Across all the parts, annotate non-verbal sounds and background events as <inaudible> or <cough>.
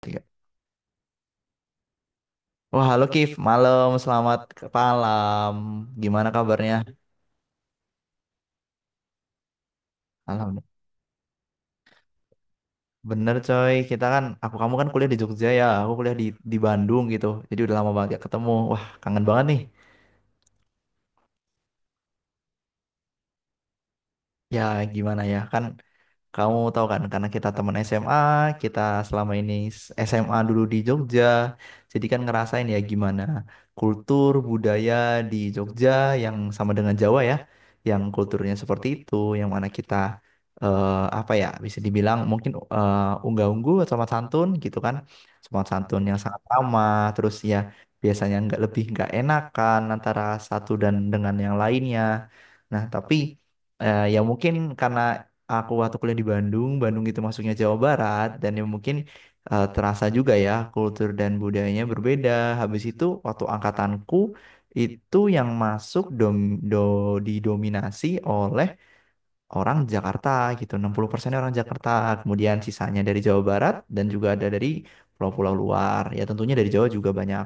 Tiga. Wah, halo Kif, malam, selamat malam. Gimana kabarnya? Alhamdulillah. Bener coy, aku kamu kan kuliah di Jogja ya, aku kuliah di Bandung gitu. Jadi udah lama banget gak ketemu. Wah, kangen banget nih. Ya gimana ya, kan. Kamu tahu kan, karena kita teman SMA, kita selama ini s- SMA dulu di Jogja, jadi kan ngerasain ya gimana kultur budaya di Jogja yang sama dengan Jawa ya, yang kulturnya seperti itu, yang mana kita eh, apa ya, bisa dibilang mungkin unggah-ungguh atau sopan santun gitu kan, sopan santun yang sangat ramah, terus ya biasanya nggak lebih nggak enakan antara satu dan dengan yang lainnya. Nah tapi, ya mungkin karena aku waktu kuliah di Bandung, Bandung itu masuknya Jawa Barat dan yang mungkin terasa juga ya kultur dan budayanya berbeda. Habis itu waktu angkatanku itu yang do, didominasi oleh orang Jakarta gitu. 60% orang Jakarta, kemudian sisanya dari Jawa Barat dan juga ada dari pulau-pulau luar. Ya tentunya dari Jawa juga banyak.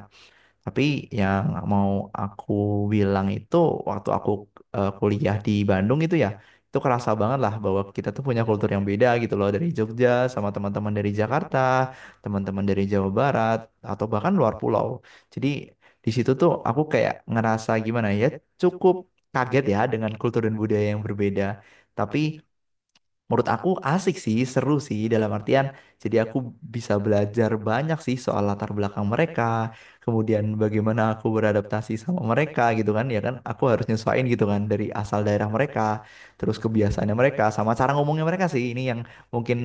Tapi yang mau aku bilang itu waktu aku kuliah di Bandung itu ya, itu kerasa banget lah bahwa kita tuh punya kultur yang beda gitu loh dari Jogja sama teman-teman dari Jakarta, teman-teman dari Jawa Barat atau bahkan luar pulau. Jadi di situ tuh aku kayak ngerasa gimana ya, cukup kaget ya dengan kultur dan budaya yang berbeda. Tapi menurut aku asik sih, seru sih, dalam artian jadi aku bisa belajar banyak sih soal latar belakang mereka, kemudian bagaimana aku beradaptasi sama mereka gitu kan, ya kan aku harus nyesuaiin gitu kan dari asal daerah mereka, terus kebiasaannya mereka sama cara ngomongnya mereka sih ini yang mungkin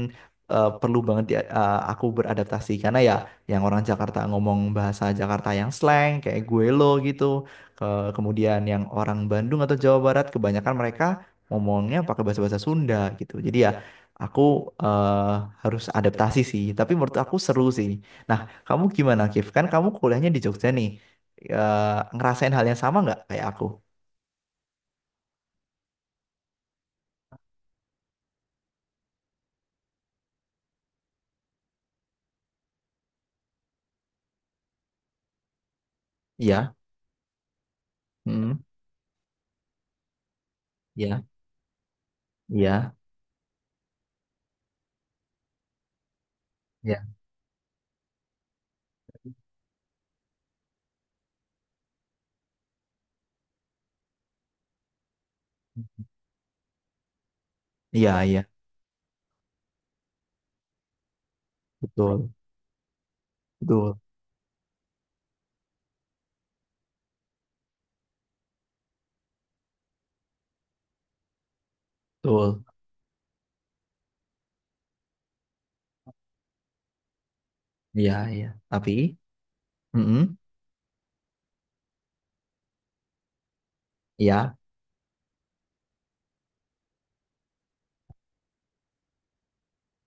perlu banget aku beradaptasi karena ya yang orang Jakarta ngomong bahasa Jakarta yang slang kayak gue lo gitu. Kemudian yang orang Bandung atau Jawa Barat kebanyakan mereka ngomongnya pakai bahasa-bahasa Sunda gitu. Jadi ya aku eh, harus adaptasi sih, tapi menurut aku seru sih. Nah, kamu gimana, Kif? Kan kamu kuliahnya di Jogja nih. Eh, ngerasain hal yang sama nggak kayak aku? Iya, hmm, iya, iya, iya, iya, iya, betul, betul, betul, iya, iya. Tapi, mm, iya,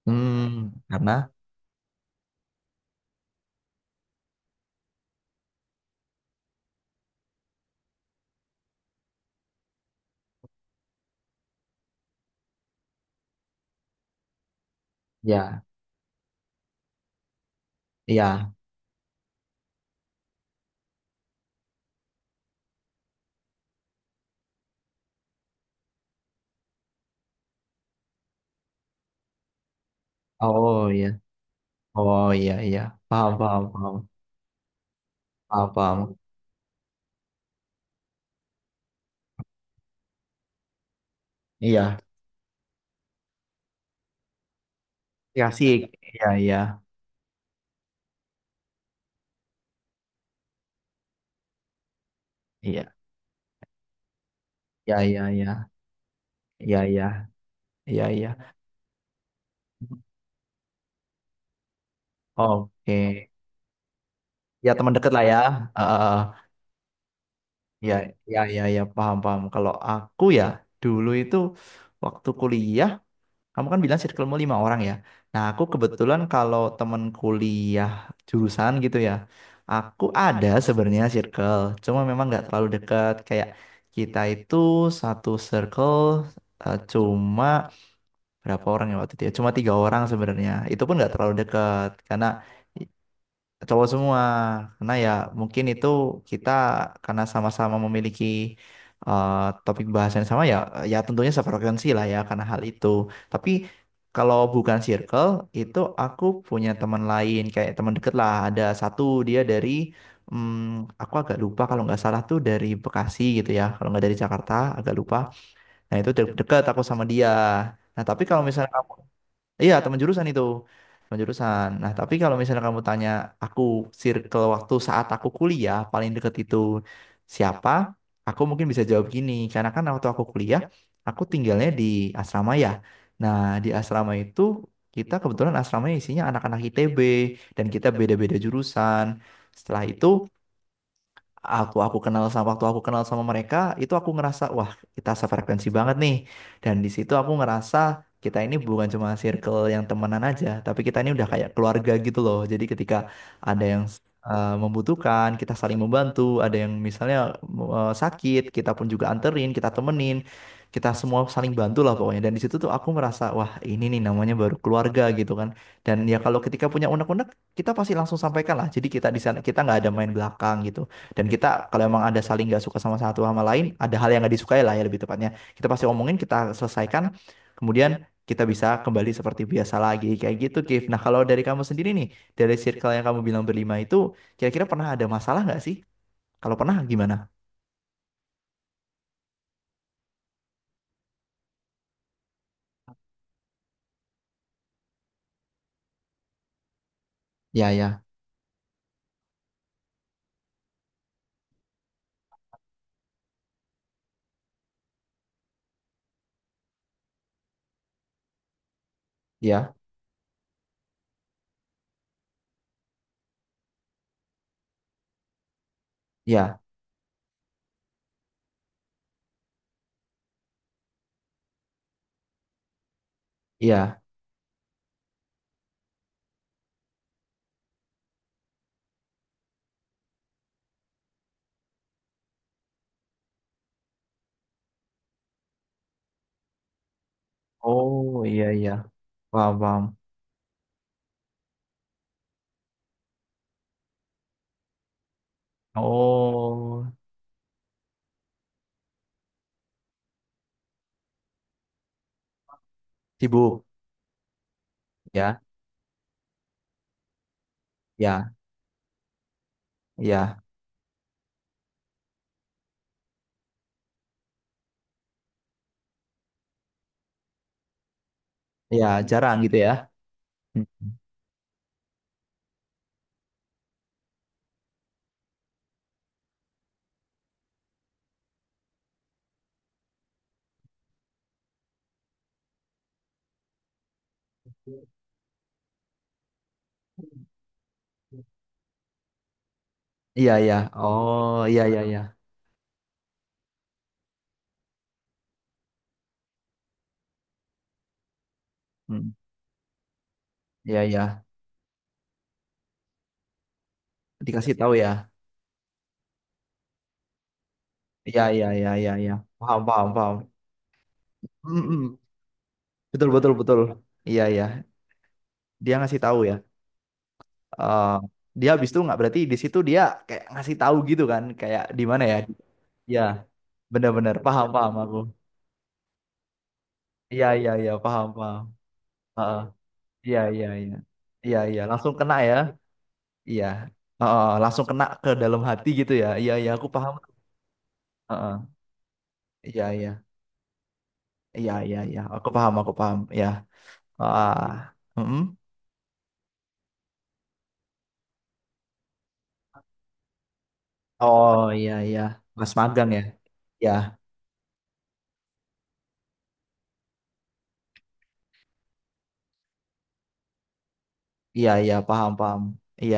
hmm, karena, ya, iya, oh iya, oh iya, iya, paham, paham, paham, paham, paham. Iya, ya sih, iya, iya. Iya. Ya, ya, ya, ya, ya, ya, ya. Oke. Ya, teman deket lah ya. Heeh. Ya, ya, ya, ya, paham, paham. Kalau aku ya, dulu itu waktu kuliah, kamu kan bilang circlemu 5 orang ya. Nah, aku kebetulan kalau teman kuliah jurusan gitu ya, aku ada sebenarnya circle, cuma memang nggak terlalu dekat. Kayak kita itu satu circle, cuma berapa orang ya waktu itu ya? Cuma 3 orang sebenarnya. Itu pun nggak terlalu dekat karena cowok semua. Karena ya mungkin itu kita karena sama-sama memiliki eh, topik bahasan yang sama ya, ya tentunya sefrekuensi lah ya karena hal itu. Tapi kalau bukan circle itu, aku punya teman lain kayak teman deket lah. Ada satu, dia dari hmm, aku agak lupa, kalau nggak salah tuh dari Bekasi gitu ya, kalau nggak dari Jakarta, agak lupa. Nah itu deket aku sama dia. Nah tapi kalau misalnya, iya, teman jurusan itu. Teman jurusan. Nah, tapi kalau misalnya kamu tanya aku circle waktu saat aku kuliah paling deket itu siapa? Aku mungkin bisa jawab gini, karena kan waktu aku kuliah, aku tinggalnya di asrama ya. Nah, di asrama itu kita kebetulan asramanya isinya anak-anak ITB dan kita beda-beda jurusan. Setelah itu aku kenal sama waktu aku kenal sama mereka itu aku ngerasa wah kita sefrekuensi banget nih, dan di situ aku ngerasa kita ini bukan cuma circle yang temenan aja tapi kita ini udah kayak keluarga gitu loh, jadi ketika ada yang membutuhkan kita saling membantu, ada yang misalnya sakit kita pun juga anterin, kita temenin, kita semua saling bantu lah pokoknya, dan di situ tuh aku merasa wah ini nih namanya baru keluarga gitu kan, dan ya kalau ketika punya unek-unek kita pasti langsung sampaikan lah, jadi kita di sana kita nggak ada main belakang gitu, dan kita kalau emang ada saling nggak suka sama satu sama lain, ada hal yang nggak disukai lah ya lebih tepatnya. Kita pasti omongin, kita selesaikan, kemudian kita bisa kembali seperti biasa lagi kayak gitu, Kif. Nah kalau dari kamu sendiri nih, dari circle yang kamu bilang berlima itu, kira-kira pernah ada masalah nggak sih? Kalau pernah gimana? Ya, ya, ya, ya, ya. Oh iya iya, paham paham. Oh, sibuk. Ya, ya, ya, ya, jarang gitu ya. Hmm. Iya, ya. Oh, iya, iya, ya. Hmm. Iya, ya. Dikasih tahu tahu ya, iya iya iya iya iya, paham paham paham. Mm, mm. Betul betul betul, iya iya, dia ngasih tahu ya. Eh dia habis itu nggak berarti di situ dia kayak ngasih tahu gitu kan kayak di mana ya. Iya, benar-benar paham paham aku, iya iya iya paham paham. Heeh. Iya iya iya iya iya, langsung kena ya, iya. Heeh, langsung kena ke dalam hati gitu ya, iya iya aku paham. Heeh. Iya iya iya iya iya aku paham ya. Ah. Mm-mm. Oh iya iya, pas magang ya. Ya, iya iya paham paham. Iya.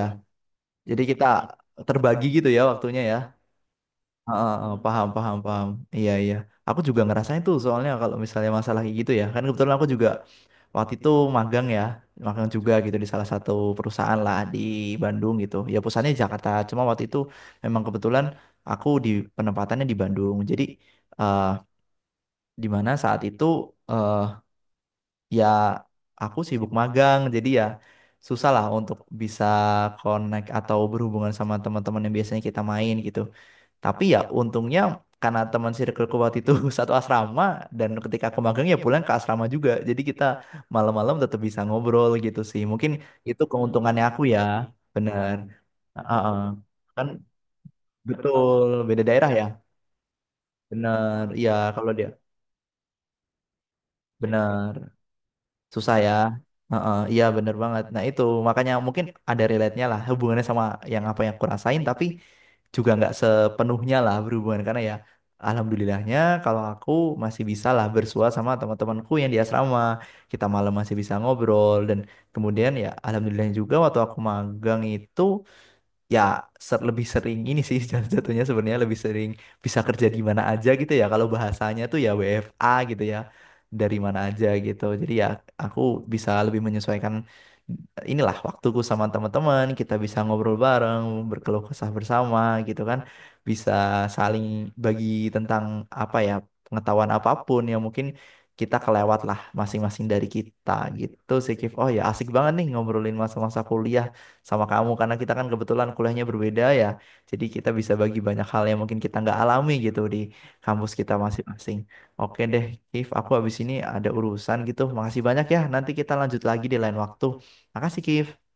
Jadi kita terbagi gitu ya waktunya ya. Heeh, heeh, paham paham paham. Iya iya. Aku juga ngerasain tuh soalnya kalau misalnya masalah kayak gitu ya. Kan kebetulan aku juga waktu itu magang ya, magang juga gitu di salah satu perusahaan lah di Bandung gitu. Ya pusatnya di Jakarta. Cuma waktu itu memang kebetulan aku di penempatannya di Bandung. Jadi eh di mana saat itu, eh, ya aku sibuk magang jadi ya susah lah untuk bisa connect atau berhubungan sama teman-teman yang biasanya kita main gitu, tapi ya untungnya karena teman circleku waktu itu <laughs> satu asrama dan ketika aku magang ya pulang ke asrama juga, jadi kita malam-malam tetap bisa ngobrol gitu sih, mungkin itu keuntungannya aku ya. Bener. Heeh. Kan, betul, beda daerah ya, bener iya kalau dia bener. Susah ya. Heeh, iya bener banget. Nah itu makanya mungkin ada relate-nya lah hubungannya sama yang apa yang aku rasain, tapi juga nggak sepenuhnya lah berhubungan karena ya, alhamdulillahnya kalau aku masih bisa lah bersua sama teman-temanku yang di asrama. Kita malam masih bisa ngobrol dan kemudian ya alhamdulillah juga waktu aku magang itu ya lebih sering ini sih <laughs> jatuh-jatuhnya sebenarnya lebih sering bisa kerja di mana aja gitu ya, kalau bahasanya tuh ya WFA gitu ya, dari mana aja gitu, jadi ya aku bisa lebih menyesuaikan inilah waktuku sama teman-teman, kita bisa ngobrol bareng, berkeluh kesah bersama gitu kan, bisa saling bagi tentang apa ya, pengetahuan apapun yang mungkin kita kelewat lah masing-masing dari kita gitu sih, Kif. Oh ya asik banget nih ngobrolin masa-masa kuliah sama kamu karena kita kan kebetulan kuliahnya berbeda ya. Jadi kita bisa bagi banyak hal yang mungkin kita nggak alami gitu di kampus kita masing-masing. Oke deh, Kif, aku habis ini ada urusan gitu. Makasih banyak ya. Nanti kita lanjut lagi di lain waktu. Makasih, Kif.